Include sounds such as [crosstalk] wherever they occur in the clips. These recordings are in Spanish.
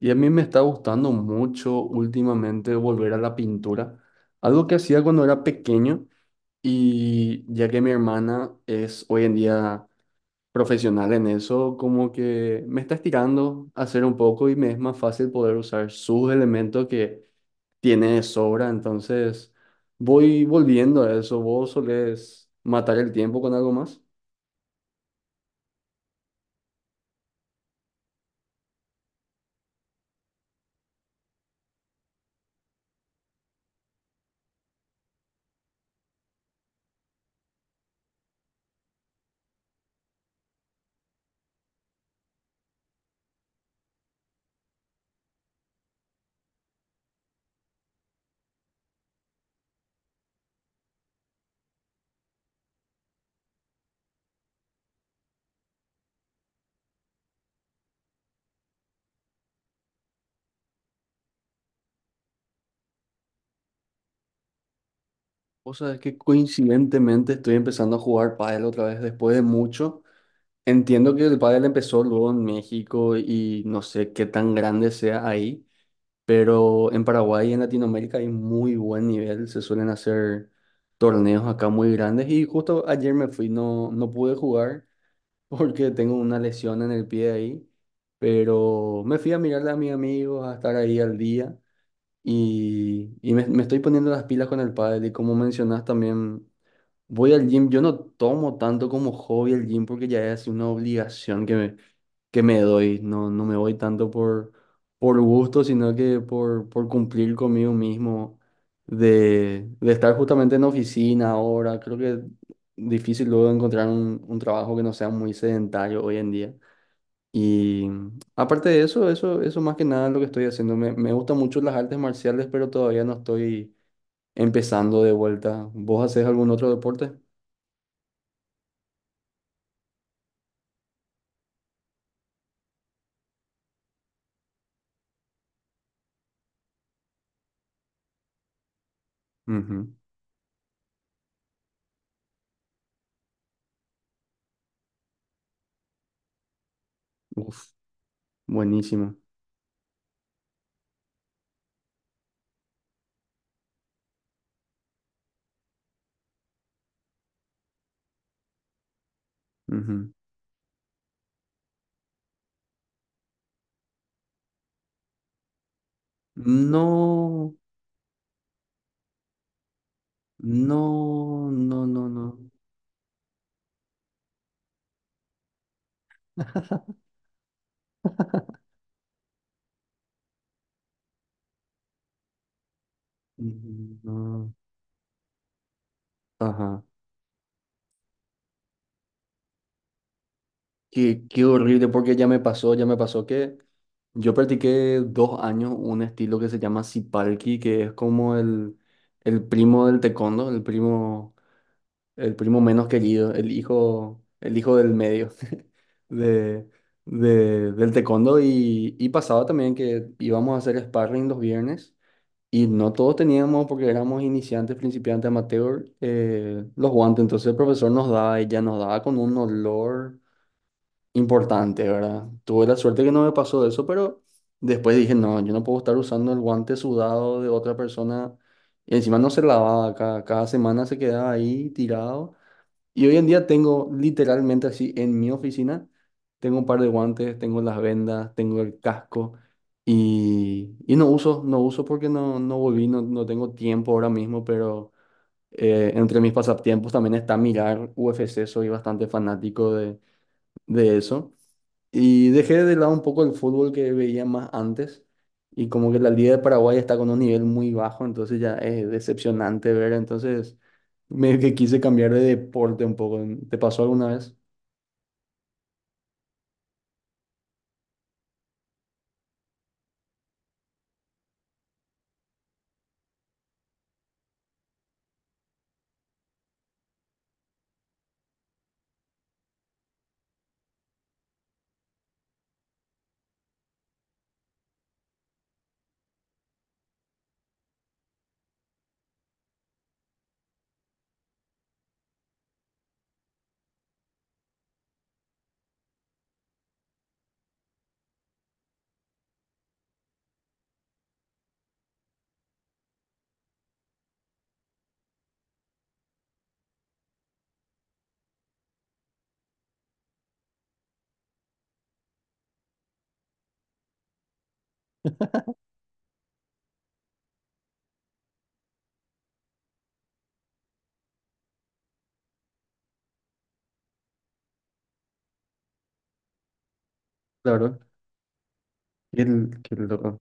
Y a mí me está gustando mucho últimamente volver a la pintura, algo que hacía cuando era pequeño y ya que mi hermana es hoy en día profesional en eso, como que me está estirando a hacer un poco y me es más fácil poder usar sus elementos que tiene de sobra, entonces voy volviendo a eso. ¿Vos solés matar el tiempo con algo más? O sea, es que coincidentemente estoy empezando a jugar pádel otra vez después de mucho. Entiendo que el pádel empezó luego en México y no sé qué tan grande sea ahí, pero en Paraguay y en Latinoamérica hay muy buen nivel, se suelen hacer torneos acá muy grandes y justo ayer me fui, no, no pude jugar [laughs] porque tengo una lesión en el pie ahí, pero me fui a mirarle a mis amigos, a estar ahí al día y me estoy poniendo las pilas con el pádel y como mencionas también... Voy al gym, yo no tomo tanto como hobby el gym porque ya es una obligación que me doy. No, no me voy tanto por gusto, sino que por cumplir conmigo mismo, de estar justamente en oficina ahora. Creo que es difícil luego encontrar un trabajo que no sea muy sedentario hoy en día. Y aparte de eso, eso más que nada es lo que estoy haciendo. Me gustan mucho las artes marciales, pero todavía no estoy empezando de vuelta. ¿Vos hacés algún otro deporte? Ujú. Uf, buenísimo. Ujú. No. No, no, no, no. No. Ajá. Qué, qué horrible, porque ya me pasó que yo practiqué dos años un estilo que se llama Sipalki, que es como el primo del taekwondo, el primo menos querido, el hijo del medio [laughs] de, del taekwondo. Y pasaba también que íbamos a hacer sparring los viernes. Y no todos teníamos, porque éramos iniciantes, principiantes, amateur, los guantes. Entonces el profesor nos daba, ella nos daba con un olor importante, ¿verdad? Tuve la suerte que no me pasó eso, pero después dije, no, yo no puedo estar usando el guante sudado de otra persona. Y encima no se lavaba, cada semana se quedaba ahí tirado. Y hoy en día tengo literalmente así en mi oficina, tengo un par de guantes, tengo las vendas, tengo el casco y no uso, no uso porque no, no volví, no, no tengo tiempo ahora mismo, pero entre mis pasatiempos también está mirar UFC, soy bastante fanático de eso. Y dejé de lado un poco el fútbol que veía más antes. Y como que la Liga de Paraguay está con un nivel muy bajo, entonces ya es decepcionante ver. Entonces, medio que quise cambiar de deporte un poco, ¿no? ¿Te pasó alguna vez? Claro. Y el, qué loco.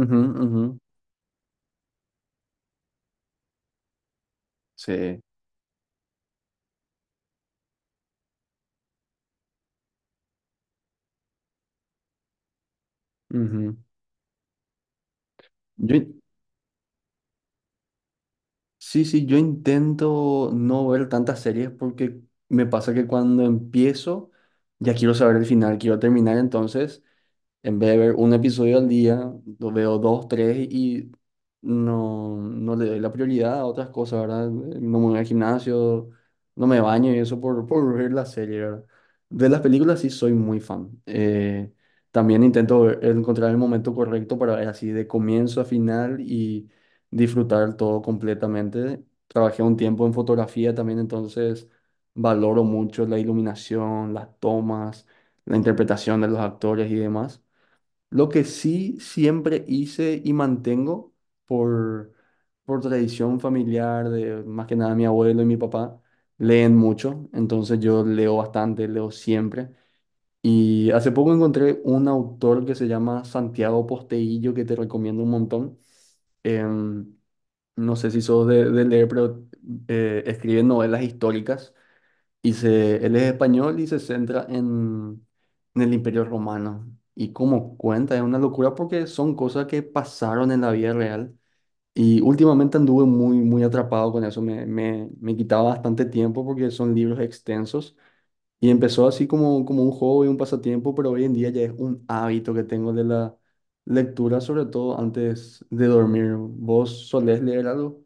Ujú, ujú. Sí. Ujú. Yo, in- sí, sí, yo intento no ver tantas series porque me pasa que cuando empiezo ya quiero saber el final, quiero terminar, entonces en vez de ver un episodio al día, lo veo dos, tres y no, no le doy la prioridad a otras cosas, ¿verdad? No me voy al gimnasio, no me baño y eso por ver la serie, ¿verdad? De las películas sí soy muy fan. También intento encontrar el momento correcto para ver así de comienzo a final y disfrutar todo completamente. Trabajé un tiempo en fotografía también, entonces valoro mucho la iluminación, las tomas, la interpretación de los actores y demás. Lo que sí siempre hice y mantengo por, por tradición familiar de más que nada mi abuelo y mi papá, leen mucho, entonces yo leo bastante, leo siempre. Y hace poco encontré un autor que se llama Santiago Posteillo, que te recomiendo un montón. Em, no sé si sos de leer, pero escribe novelas históricas. Y se, él es español y se centra en el Imperio Romano. Y como cuenta, es una locura porque son cosas que pasaron en la vida real. Y últimamente anduve muy, muy atrapado con eso. Me quitaba bastante tiempo porque son libros extensos. Y empezó así como, como un hobby, un pasatiempo, pero hoy en día ya es un hábito que tengo de la lectura, sobre todo antes de dormir. ¿Vos solés leer algo?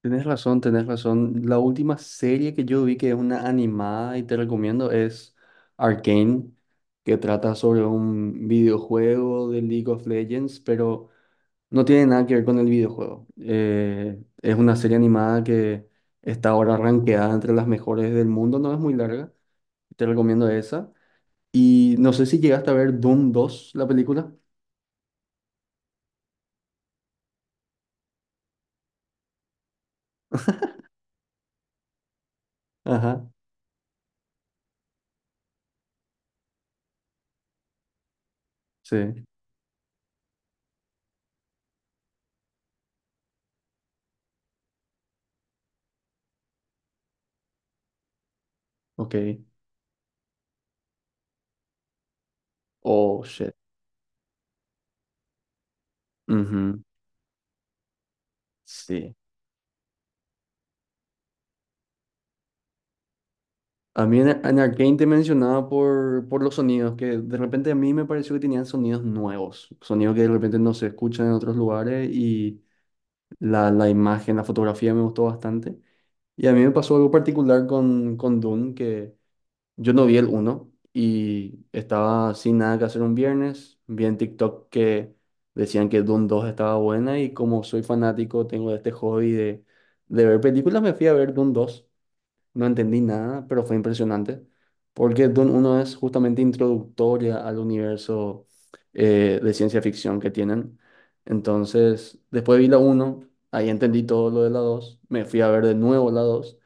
Tenés razón, tenés razón. La última serie que yo vi que es una animada y te recomiendo es Arcane, que trata sobre un videojuego de League of Legends, pero no tiene nada que ver con el videojuego. Es una serie animada que está ahora rankeada entre las mejores del mundo, no es muy larga. Te recomiendo esa. Y no sé si llegaste a ver Doom dos, la película. Ajá, sí, ok. Oh, shit. Ujú, sí. A mí en Arcane te mencionaba por los sonidos, que de repente a mí me pareció que tenían sonidos nuevos, sonidos que de repente no se escuchan en otros lugares y la imagen, la fotografía me gustó bastante. Y a mí me pasó algo particular con Dune, que yo no vi el uno y estaba sin nada que hacer un viernes, vi en TikTok que decían que Dune dos estaba buena y como soy fanático, tengo este hobby de ver películas, me fui a ver Dune dos, no entendí nada, pero fue impresionante, porque Dune uno es justamente introductoria al universo de ciencia ficción que tienen. Entonces, después vi la uno, ahí entendí todo lo de la dos, me fui a ver de nuevo la 2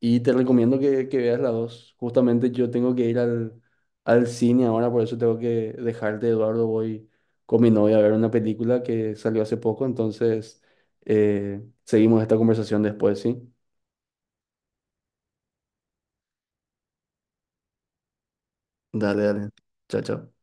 y te recomiendo que veas la dos. Justamente yo tengo que ir al, al cine ahora, por eso tengo que dejarte, Eduardo, voy con mi novia a ver una película que salió hace poco, entonces seguimos esta conversación después, ¿sí? Dale, dale. Chao, chao.